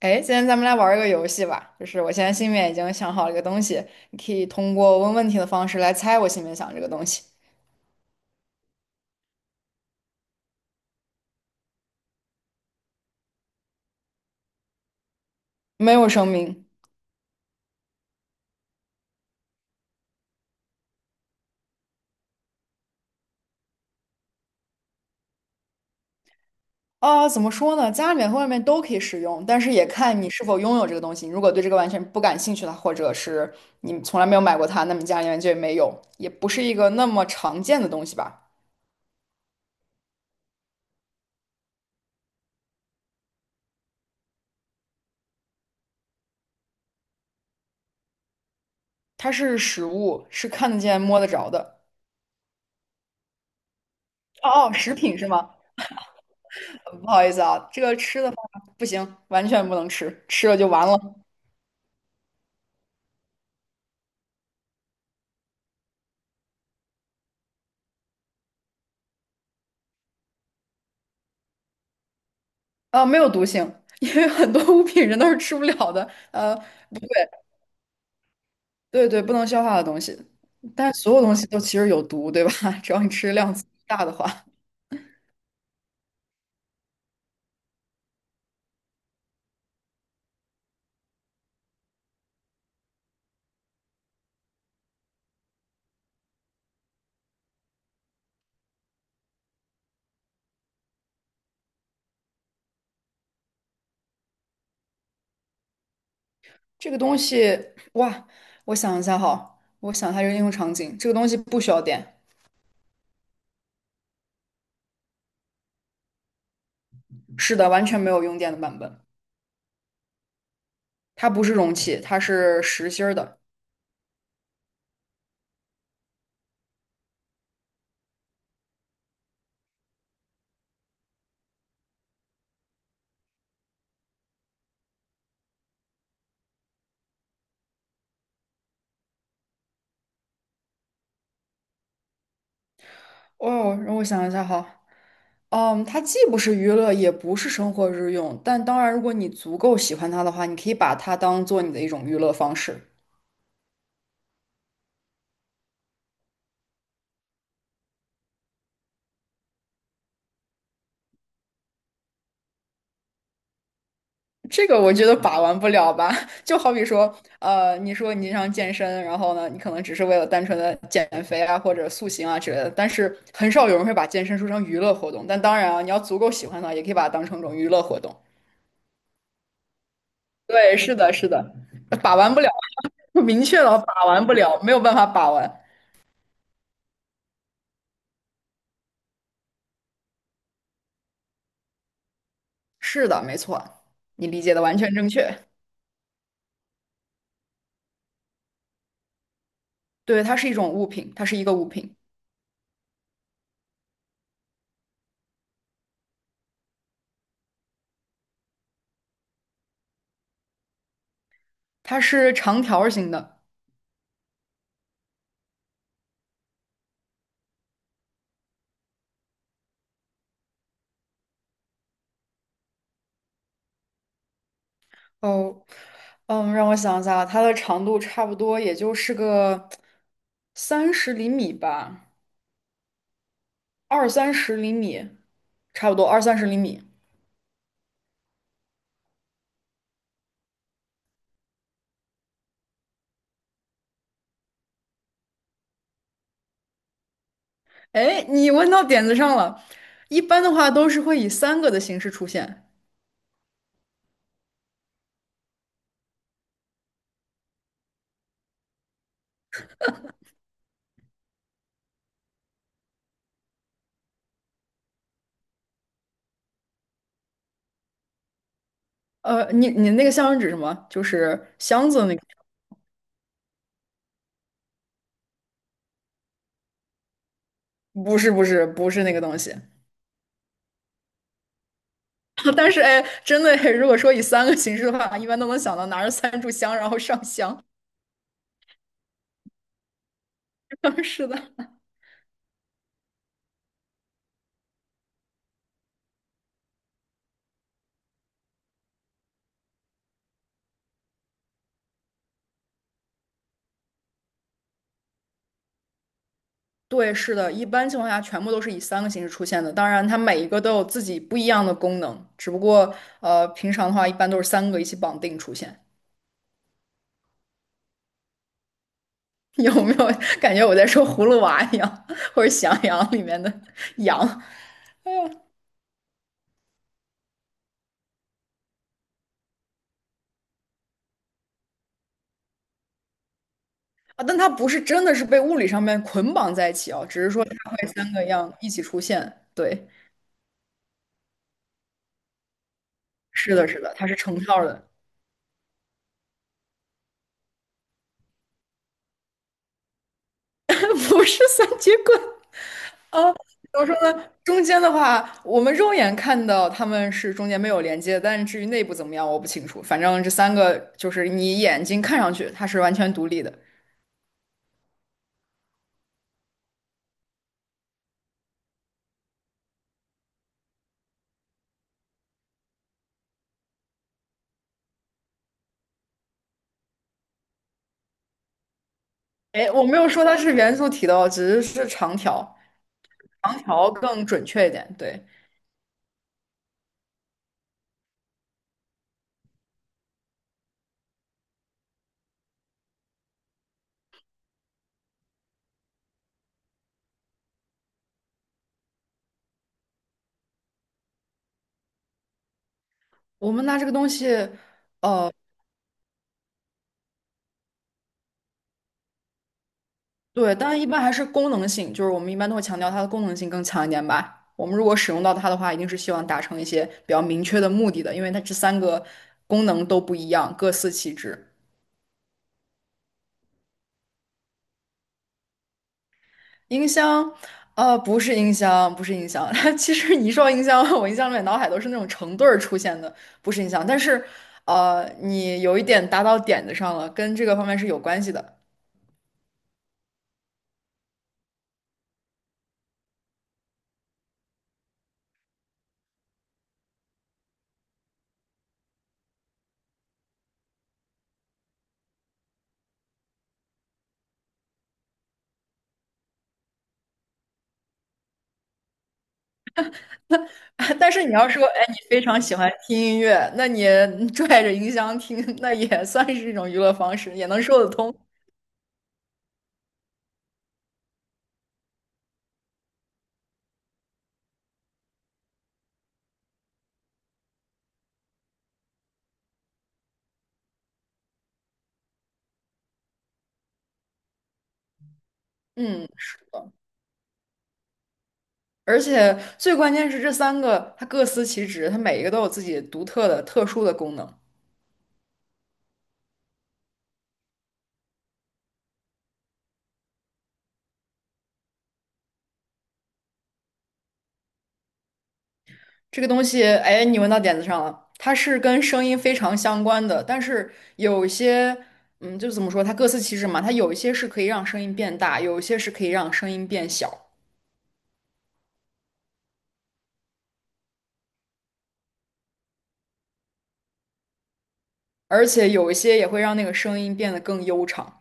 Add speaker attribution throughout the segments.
Speaker 1: 哎，今天咱们来玩儿一个游戏吧，就是我现在心里面已经想好了一个东西，你可以通过问问题的方式来猜我心里面想这个东西，没有生命啊，怎么说呢？家里面和外面都可以使用，但是也看你是否拥有这个东西。你如果对这个完全不感兴趣的，或者是你从来没有买过它，那么你家里面就没有，也不是一个那么常见的东西吧。它是食物，是看得见、摸得着的。哦哦，食品是吗？不好意思啊，这个吃的话不行，完全不能吃，吃了就完了。啊，没有毒性，因为很多物品人都是吃不了的。对对对，不能消化的东西，但所有东西都其实有毒，对吧？只要你吃量大的话，这个东西，哇，我想一下哈，我想一下这个应用场景，这个东西不需要电，是的，完全没有用电的版本，它不是容器，它是实心儿的。哦，让我想一下哈。嗯，它既不是娱乐，也不是生活日用，但当然，如果你足够喜欢它的话，你可以把它当做你的一种娱乐方式。这个我觉得把玩不了吧，就好比说，你说你常健身，然后呢，你可能只是为了单纯的减肥啊，或者塑形啊之类的，但是很少有人会把健身说成娱乐活动。但当然啊，你要足够喜欢它，也可以把它当成一种娱乐活动。对，是的，是的，把玩不了，明确了，把玩不了，没有办法把玩。是的，没错，你理解的完全正确。对，它是一种物品，它是一个物品，它是长条形的。哦，嗯，让我想一下，它的长度差不多也就是个三十厘米吧，二三十厘米，差不多二三十厘米。哎，你问到点子上了。一般的话都是会以三个的形式出现。你那个箱是指什么？就是箱子那个？不是不是那个东西。但是哎，真的，如果说以三个形式的话，一般都能想到拿着三炷香然后上香。是的。对，是的，一般情况下全部都是以三个形式出现的。当然，它每一个都有自己不一样的功能，只不过平常的话一般都是三个一起绑定出现。有没有感觉我在说葫芦娃一样，或者喜羊羊里面的 羊啊？但它不是真的是被物理上面捆绑在一起哦，只是说它会三个样一起出现。对，是的，是的，它是成套的，不是三节棍。啊，怎么说呢？中间的话，我们肉眼看到他们是中间没有连接，但是至于内部怎么样，我不清楚。反正这三个就是你眼睛看上去它是完全独立的。哎，我没有说它是元素体的哦，只是是长条，长条更准确一点。对，我们拿这个东西，呃，对，当然一般还是功能性，就是我们一般都会强调它的功能性更强一点吧。我们如果使用到它的话，一定是希望达成一些比较明确的目的的，因为它这三个功能都不一样，各司其职。音箱，不是音箱，不是音箱。它其实你一说音箱，我印象里面脑海都是那种成对儿出现的，不是音箱。但是，你有一点打到点子上了，跟这个方面是有关系的。但是你要说，哎，你非常喜欢听音乐，那你拽着音箱听，那也算是一种娱乐方式，也能说得通。嗯，而且最关键是这三个，它各司其职，它每一个都有自己独特的、特殊的功能。这个东西，哎，你问到点子上了，它是跟声音非常相关的，但是有一些，嗯，就怎么说，它各司其职嘛，它有一些是可以让声音变大，有一些是可以让声音变小，而且有一些也会让那个声音变得更悠长。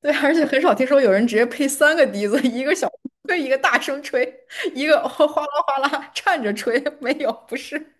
Speaker 1: 对，而且很少听说有人直接配三个笛子，一个小吹，一个大声吹，一个哗啦哗啦 颤着吹，没有，不是。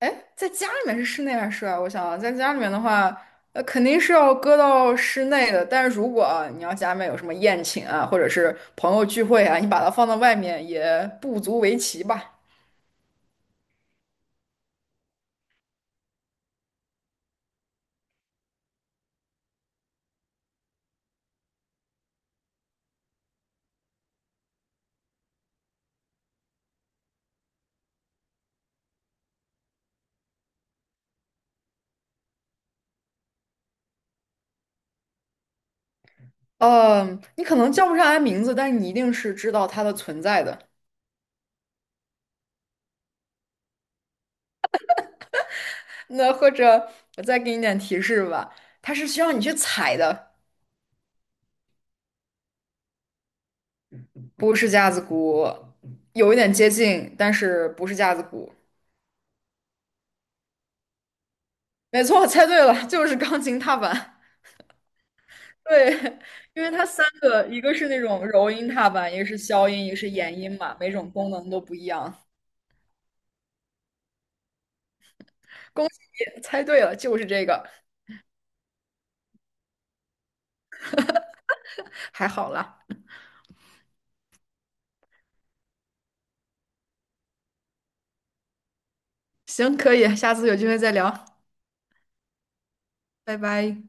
Speaker 1: 哎，在家里面是室内还是室外？我想想在家里面的话，肯定是要搁到室内的。但是如果啊你要家里面有什么宴请啊，或者是朋友聚会啊，你把它放到外面也不足为奇吧。嗯，你可能叫不上来名字，但是你一定是知道它的存在的。那或者我再给你点提示吧，它是需要你去采的，不是架子鼓，有一点接近，但是不是架子鼓。没错，猜对了，就是钢琴踏板。对，因为它三个，一个是那种柔音踏板，一个是消音，一个是延音嘛，每种功能都不一样。恭喜你猜对了，就是这个，还好啦。行，可以，下次有机会再聊，拜拜。